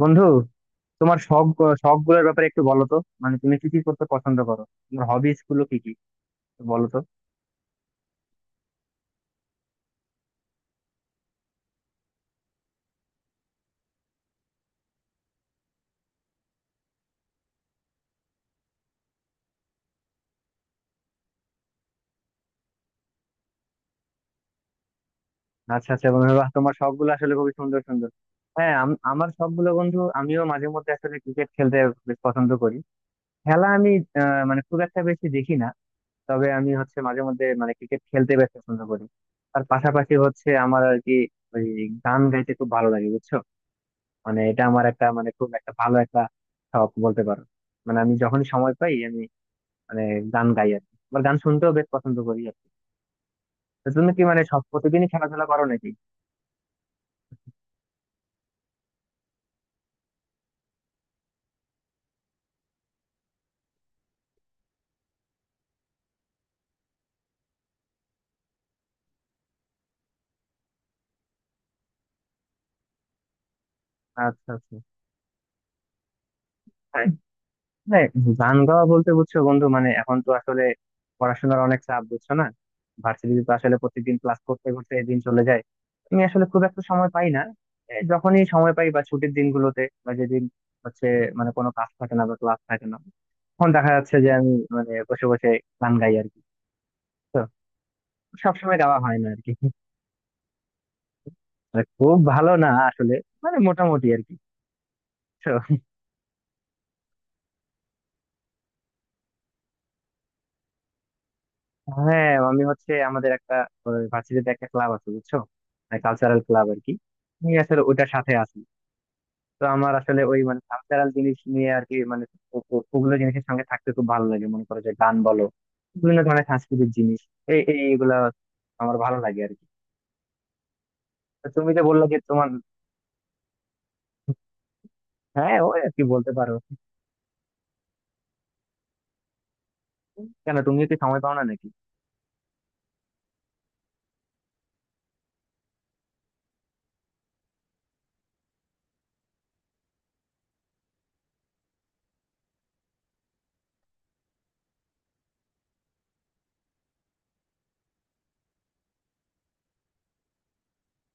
বন্ধু, তোমার শখ শখ গুলোর ব্যাপারে একটু বলো তো। মানে তুমি কি কি করতে পছন্দ করো? তোমার হবিস গুলো কি কি, একটু বলো তো। আচ্ছা আচ্ছা বন্ধু, বাহ, তোমার শখ গুলো আসলে খুবই সুন্দর সুন্দর। হ্যাঁ, আমার শখ গুলো বন্ধু, আমিও মাঝে মধ্যে আসলে ক্রিকেট খেলতে বেশ পছন্দ করি। খেলা আমি মানে খুব একটা বেশি দেখি না। তবে আমি হচ্ছে মাঝে মধ্যে মানে ক্রিকেট খেলতে বেশ পছন্দ করি। তার পাশাপাশি হচ্ছে আমার আর কি, ওই গান গাইতে খুব ভালো লাগে, বুঝছো। মানে এটা আমার একটা মানে খুব একটা ভালো একটা শখ বলতে পারো। মানে আমি যখনই সময় পাই, আমি মানে গান গাই আর কি, আমার গান শুনতেও বেশ পছন্দ করি আর কি। তো তুমি কি মানে সব প্রতিদিনই খেলাধুলা করো নাকি? আচ্ছা আচ্ছা। হ্যাঁ, হ্যাঁ, গান গাওয়া বলতে বুঝছো বন্ধু, মানে এখন তো আসলে পড়াশোনার অনেক চাপ, বুঝছো না। ভার্সিটিতে তো আসলে প্রত্যেকদিন ক্লাস করতে করতে দিন চলে যায়, আমি আসলে খুব একটা সময় পাই না। এই যখনই সময় পাই বা ছুটির দিনগুলোতে বা যেদিন হচ্ছে মানে কোনো কাজ থাকে না বা ক্লাস থাকে না, তখন দেখা যাচ্ছে যে আমি মানে বসে বসে গান গাই আর কি। তো সবসময় গাওয়া হয় না আর কি। মানে খুব ভালো না আসলে, মানে মোটামুটি আর কি, বুঝছো? হ্যাঁ আমি হচ্ছে আমাদের একটা ভার্সিটিতে একটা ক্লাব আছে, বুঝছো, কালচারাল ক্লাব আর কি, আমি আসলে ওইটার সাথে আছি। তো আমার আসলে ওই মানে কালচারাল জিনিস নিয়ে আর কি, মানে ওগুলো জিনিসের সঙ্গে থাকতে খুব ভালো লাগে, মনে করো যে গান বলো, বিভিন্ন ধরনের সাংস্কৃতিক জিনিস, এই এই- এইগুলা আমার ভালো লাগে আর কি। তো তুমি যে বললো যে তোমার, হ্যাঁ ও আর কি বলতে পারো। কেন, তুমি কি সময় পাও না নাকি?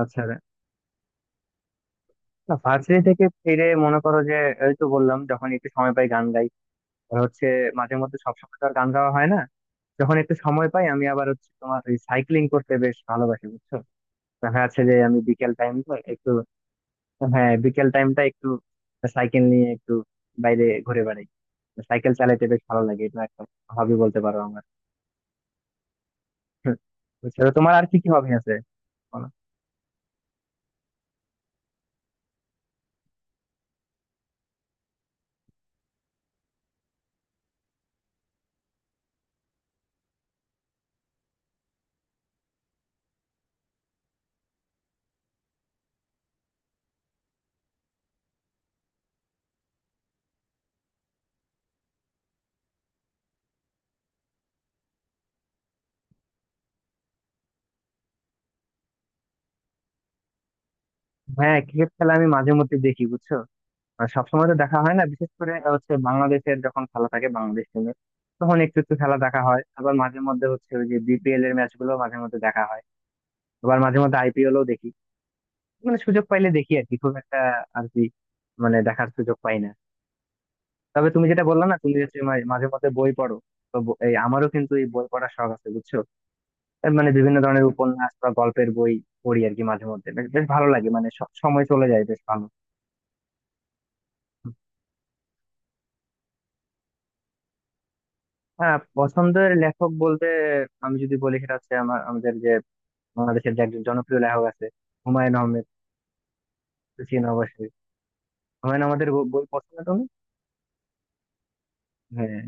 আচ্ছা। না, ভার্সিটি থেকে ফিরে মনে করো যে এই তো বললাম যখন একটু সময় পাই গান গাই। আর হচ্ছে মাঝে মধ্যে সবসময় তো আর গান গাওয়া হয় না। যখন একটু সময় পাই, আমি আবার হচ্ছে তোমার ওই সাইক্লিং করতে বেশ ভালোবাসি, বুঝছো। দেখা যাচ্ছে যে আমি বিকেল টাইমটা একটু, হ্যাঁ, বিকেল টাইমটা একটু সাইকেল নিয়ে একটু বাইরে ঘুরে বেড়াই। সাইকেল চালাইতে বেশ ভালো লাগে, এটা একটা হবি বলতে পারো আমার, বুঝছো। তো তোমার আর কি কি হবি আছে, বলো। হ্যাঁ, ক্রিকেট খেলা আমি মাঝে মধ্যে দেখি, বুঝছো। আর সবসময় তো দেখা হয় না, বিশেষ করে হচ্ছে বাংলাদেশের যখন খেলা থাকে, বাংলাদেশ টিমের, তখন একটু একটু খেলা দেখা হয়। আবার মাঝে মধ্যে হচ্ছে ওই যে বিপিএল এর ম্যাচ গুলো মাঝে মধ্যে দেখা হয়, আবার মাঝে মধ্যে আইপিএল ও দেখি। মানে সুযোগ পাইলে দেখি আর কি, খুব একটা আর কি মানে দেখার সুযোগ পাই না। তবে তুমি যেটা বললা না, তুমি হচ্ছে মাঝে মধ্যে বই পড়ো, তো এই আমারও কিন্তু এই বই পড়ার শখ আছে, বুঝছো। এর মানে বিভিন্ন ধরনের উপন্যাস বা গল্পের বই পড়ি আর কি, মাঝে মধ্যে বেশ বেশ ভালো লাগে, মানে সময় চলে যায় বেশ ভালো। হ্যাঁ, পছন্দের লেখক বলতে আমি যদি বলি, সেটা হচ্ছে আমার, আমাদের যে বাংলাদেশের যে একজন জনপ্রিয় লেখক আছে, হুমায়ুন আহমেদ। তো চিনো অবশ্যই, হুমায়ুন আমাদের বই পছন্দ তুমি? হ্যাঁ,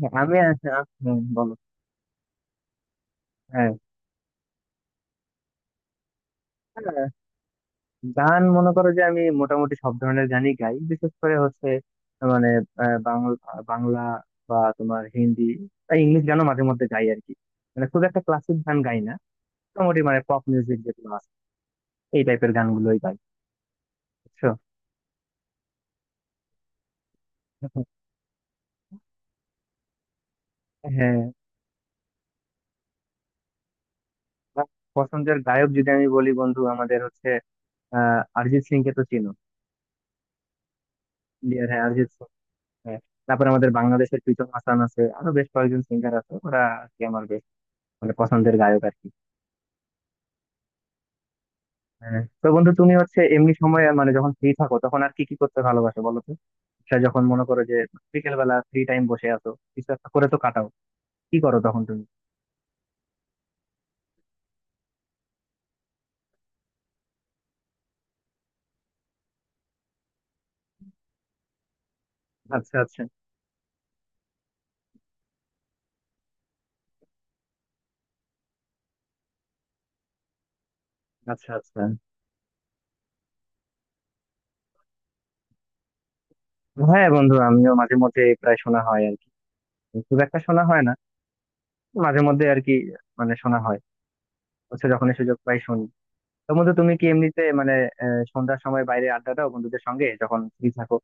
হ্যাঁ, আমি বলো। হ্যাঁ, হ্যাঁ, গান মনে করো যে আমি মোটামুটি সব ধরনের গানই গাই, বিশেষ করে হচ্ছে মানে বাংলা বাংলা বা তোমার হিন্দি বা ইংলিশ গানও মাঝে মধ্যে গাই আর কি। মানে খুব একটা ক্লাসিক গান গাই না, মোটামুটি মানে পপ মিউজিক যেগুলো আছে এই টাইপের গানগুলোই গাই, বুঝছো। হ্যাঁ, আমার পছন্দের গায়ক যদি আমি বলি বন্ধু, আমাদের হচ্ছে অরিজিৎ সিং কে তো চিনো, ইন্ডিয়ার, হ্যাঁ, অরিজিৎ সিং, হ্যাঁ। তারপরে আমাদের বাংলাদেশের লিটন হাসান আছে, আরো বেশ কয়েকজন সিঙ্গার আছে, ওরা আর কি আমার বেশ মানে পছন্দের গায়ক আর কি। হ্যাঁ। তো বন্ধু, তুমি হচ্ছে এমনি সময় মানে যখন ফ্রি থাকো তখন আর কি কি করতে ভালোবাসো, বলো তো। সেটা যখন মনে করো যে বিকেল বেলা ফ্রি টাইম বসে আছো, কিছু একটা করে তো কাটাও, কি করো তখন তুমি? আচ্ছা আচ্ছা। আচ্ছা আচ্ছা। হ্যাঁ বন্ধু, আমিও মাঝে মধ্যে প্রায় শোনা হয় আর কি, খুব একটা শোনা হয় না, মাঝে মধ্যে আর কি। মানে শোনা হয় হচ্ছে যখনই সুযোগ পাই শুনি। তো বন্ধু, তুমি কি এমনিতে মানে সন্ধ্যার সময় বাইরে আড্ডা দাও বন্ধুদের সঙ্গে যখন ফ্রি থাকো?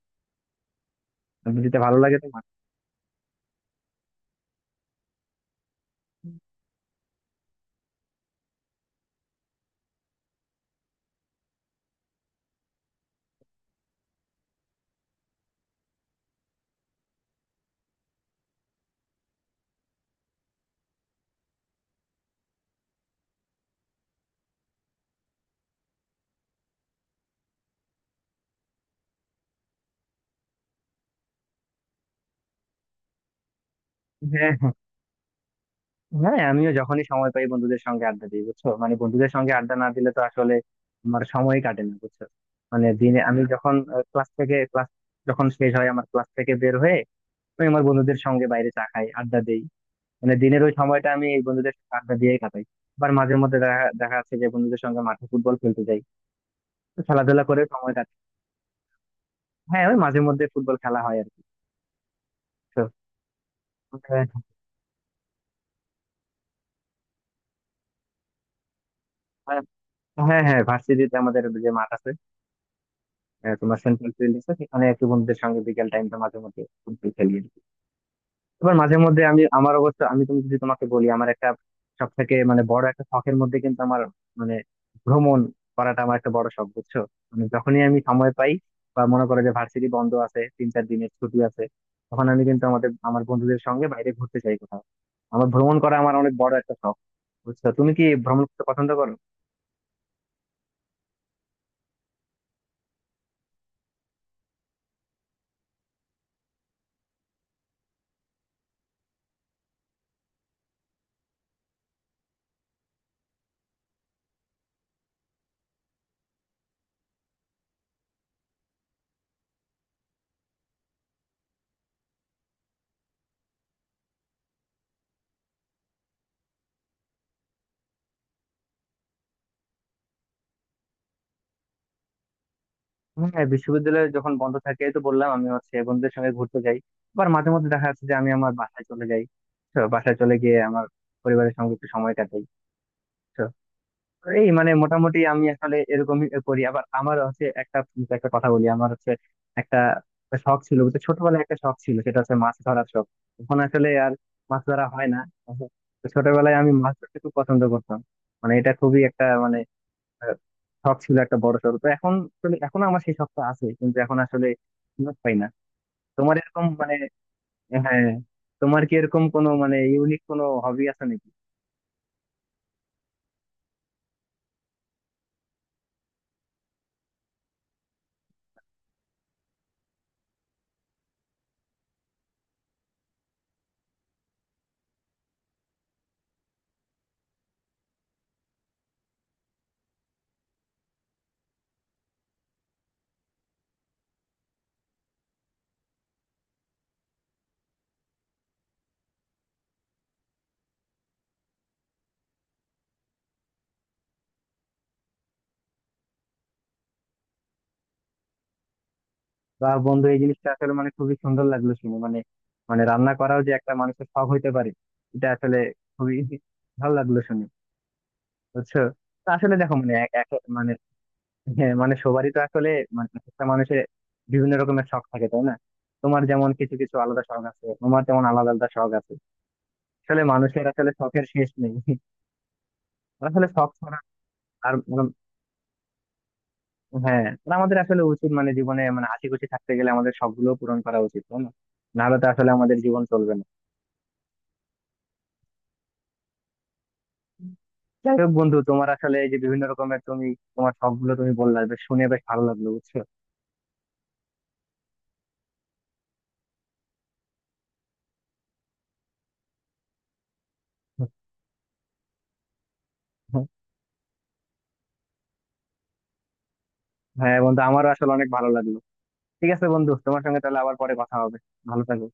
বন্ধু দিতে ভালো লাগে তোমার? হ্যাঁ, হ্যাঁ, হ্যাঁ, আমিও যখনই সময় পাই বন্ধুদের সঙ্গে আড্ডা দিই, বুঝছো। মানে বন্ধুদের সঙ্গে আড্ডা না দিলে তো আসলে আমার সময় কাটে না, বুঝছো। মানে দিনে আমি যখন ক্লাস যখন শেষ হয়, আমার ক্লাস থেকে বের হয়ে আমি আমার বন্ধুদের সঙ্গে বাইরে চা খাই, আড্ডা দেই। মানে দিনের ওই সময়টা আমি এই বন্ধুদের সঙ্গে আড্ডা দিয়েই কাটাই। আবার মাঝে মধ্যে দেখা দেখা যাচ্ছে যে বন্ধুদের সঙ্গে মাঠে ফুটবল খেলতে যাই, তো খেলাধুলা করে সময় কাটে। হ্যাঁ ওই মাঝে মধ্যে ফুটবল খেলা হয় আর কি। তো, আহ, হ্যাঁ হ্যাঁ, ভার্সিটিতে আমাদের যে মাঠ আছে, তোমার সেন্ট্রাল ফিল্ড আছে, সেখানে একটু বন্ধুদের সঙ্গে বিকেল টাইমটা মাঝে মধ্যে ফুটবল খেলি আর কি। এবার মাঝে মধ্যে আমি আমার অবস্থা, আমি তুমি যদি তোমাকে বলি, আমার একটা সব থেকে মানে বড় একটা শখের মধ্যে কিন্তু আমার মানে ভ্রমণ করাটা আমার একটা বড় শখ, বুঝছো। মানে যখনই আমি সময় পাই বা মনে করো যে ভার্সিটি বন্ধ আছে, তিন চার দিনের ছুটি আছে, তখন আমি কিন্তু আমাদের, আমার বন্ধুদের সঙ্গে বাইরে ঘুরতে চাই কোথাও। আমার ভ্রমণ করা আমার অনেক বড় একটা শখ, বুঝছো। তুমি কি ভ্রমণ করতে পছন্দ করো? হ্যাঁ, বিশ্ববিদ্যালয়ে যখন বন্ধ থাকে, এই তো বললাম আমি হচ্ছে বন্ধুদের সঙ্গে ঘুরতে যাই। আবার মাঝে মধ্যে দেখা যাচ্ছে যে আমি আমার বাসায় চলে যাই, তো বাসায় চলে গিয়ে আমার পরিবারের সঙ্গে একটু সময় কাটাই। তো এই মানে মোটামুটি আমি আসলে এরকমই করি। আবার আমার হচ্ছে একটা, তোমাকে একটা কথা বলি, আমার হচ্ছে একটা শখ ছিল, বুঝছো? ছোটবেলায় একটা শখ ছিল, সেটা হচ্ছে মাছ ধরার শখ। এখন আসলে আর মাছ ধরা হয় না, তো ছোটবেলায় আমি মাছ ধরতে খুব পছন্দ করতাম। মানে এটা খুবই একটা মানে আহ, শখ ছিল একটা বড় সড়ো, তো এখন আসলে এখনো আমার সেই শখটা আছে কিন্তু এখন আসলে সুযোগ পাই না। তোমার এরকম মানে, হ্যাঁ, তোমার কি এরকম কোনো মানে ইউনিক কোনো হবি আছে নাকি? বা বন্ধু, এই জিনিসটা আসলে মানে খুবই সুন্দর লাগলো শুনে। মানে মানে রান্না করাও যে একটা মানুষের শখ হইতে পারে, এটা আসলে খুবই ভালো লাগলো শুনে, বুঝছো। তো আসলে দেখো মানে এক এক- মানে হ্যাঁ মানে সবারই তো আসলে মানে একটা মানুষের বিভিন্ন রকমের শখ থাকে, তাই না? তোমার যেমন কিছু কিছু আলাদা শখ আছে, তোমার যেমন আলাদা আলাদা শখ আছে। আসলে মানুষের আসলে শখের শেষ নেই, আসলে শখ ছাড়া আর হ্যাঁ, আর আমাদের আসলে উচিত মানে জীবনে মানে আশি খুশি থাকতে গেলে আমাদের শখগুলো পূরণ করা উচিত, তাই না? নাহলে তো আসলে আমাদের জীবন চলবে না। যাই হোক বন্ধু, তোমার আসলে এই যে বিভিন্ন রকমের তুমি, তোমার শখ গুলো তুমি বললা, বেশ শুনে বেশ ভালো লাগলো, বুঝছো। হ্যাঁ বন্ধু, আমারও আসলে অনেক ভালো লাগলো। ঠিক আছে বন্ধু, তোমার সঙ্গে তাহলে আবার পরে কথা হবে। ভালো থাকো।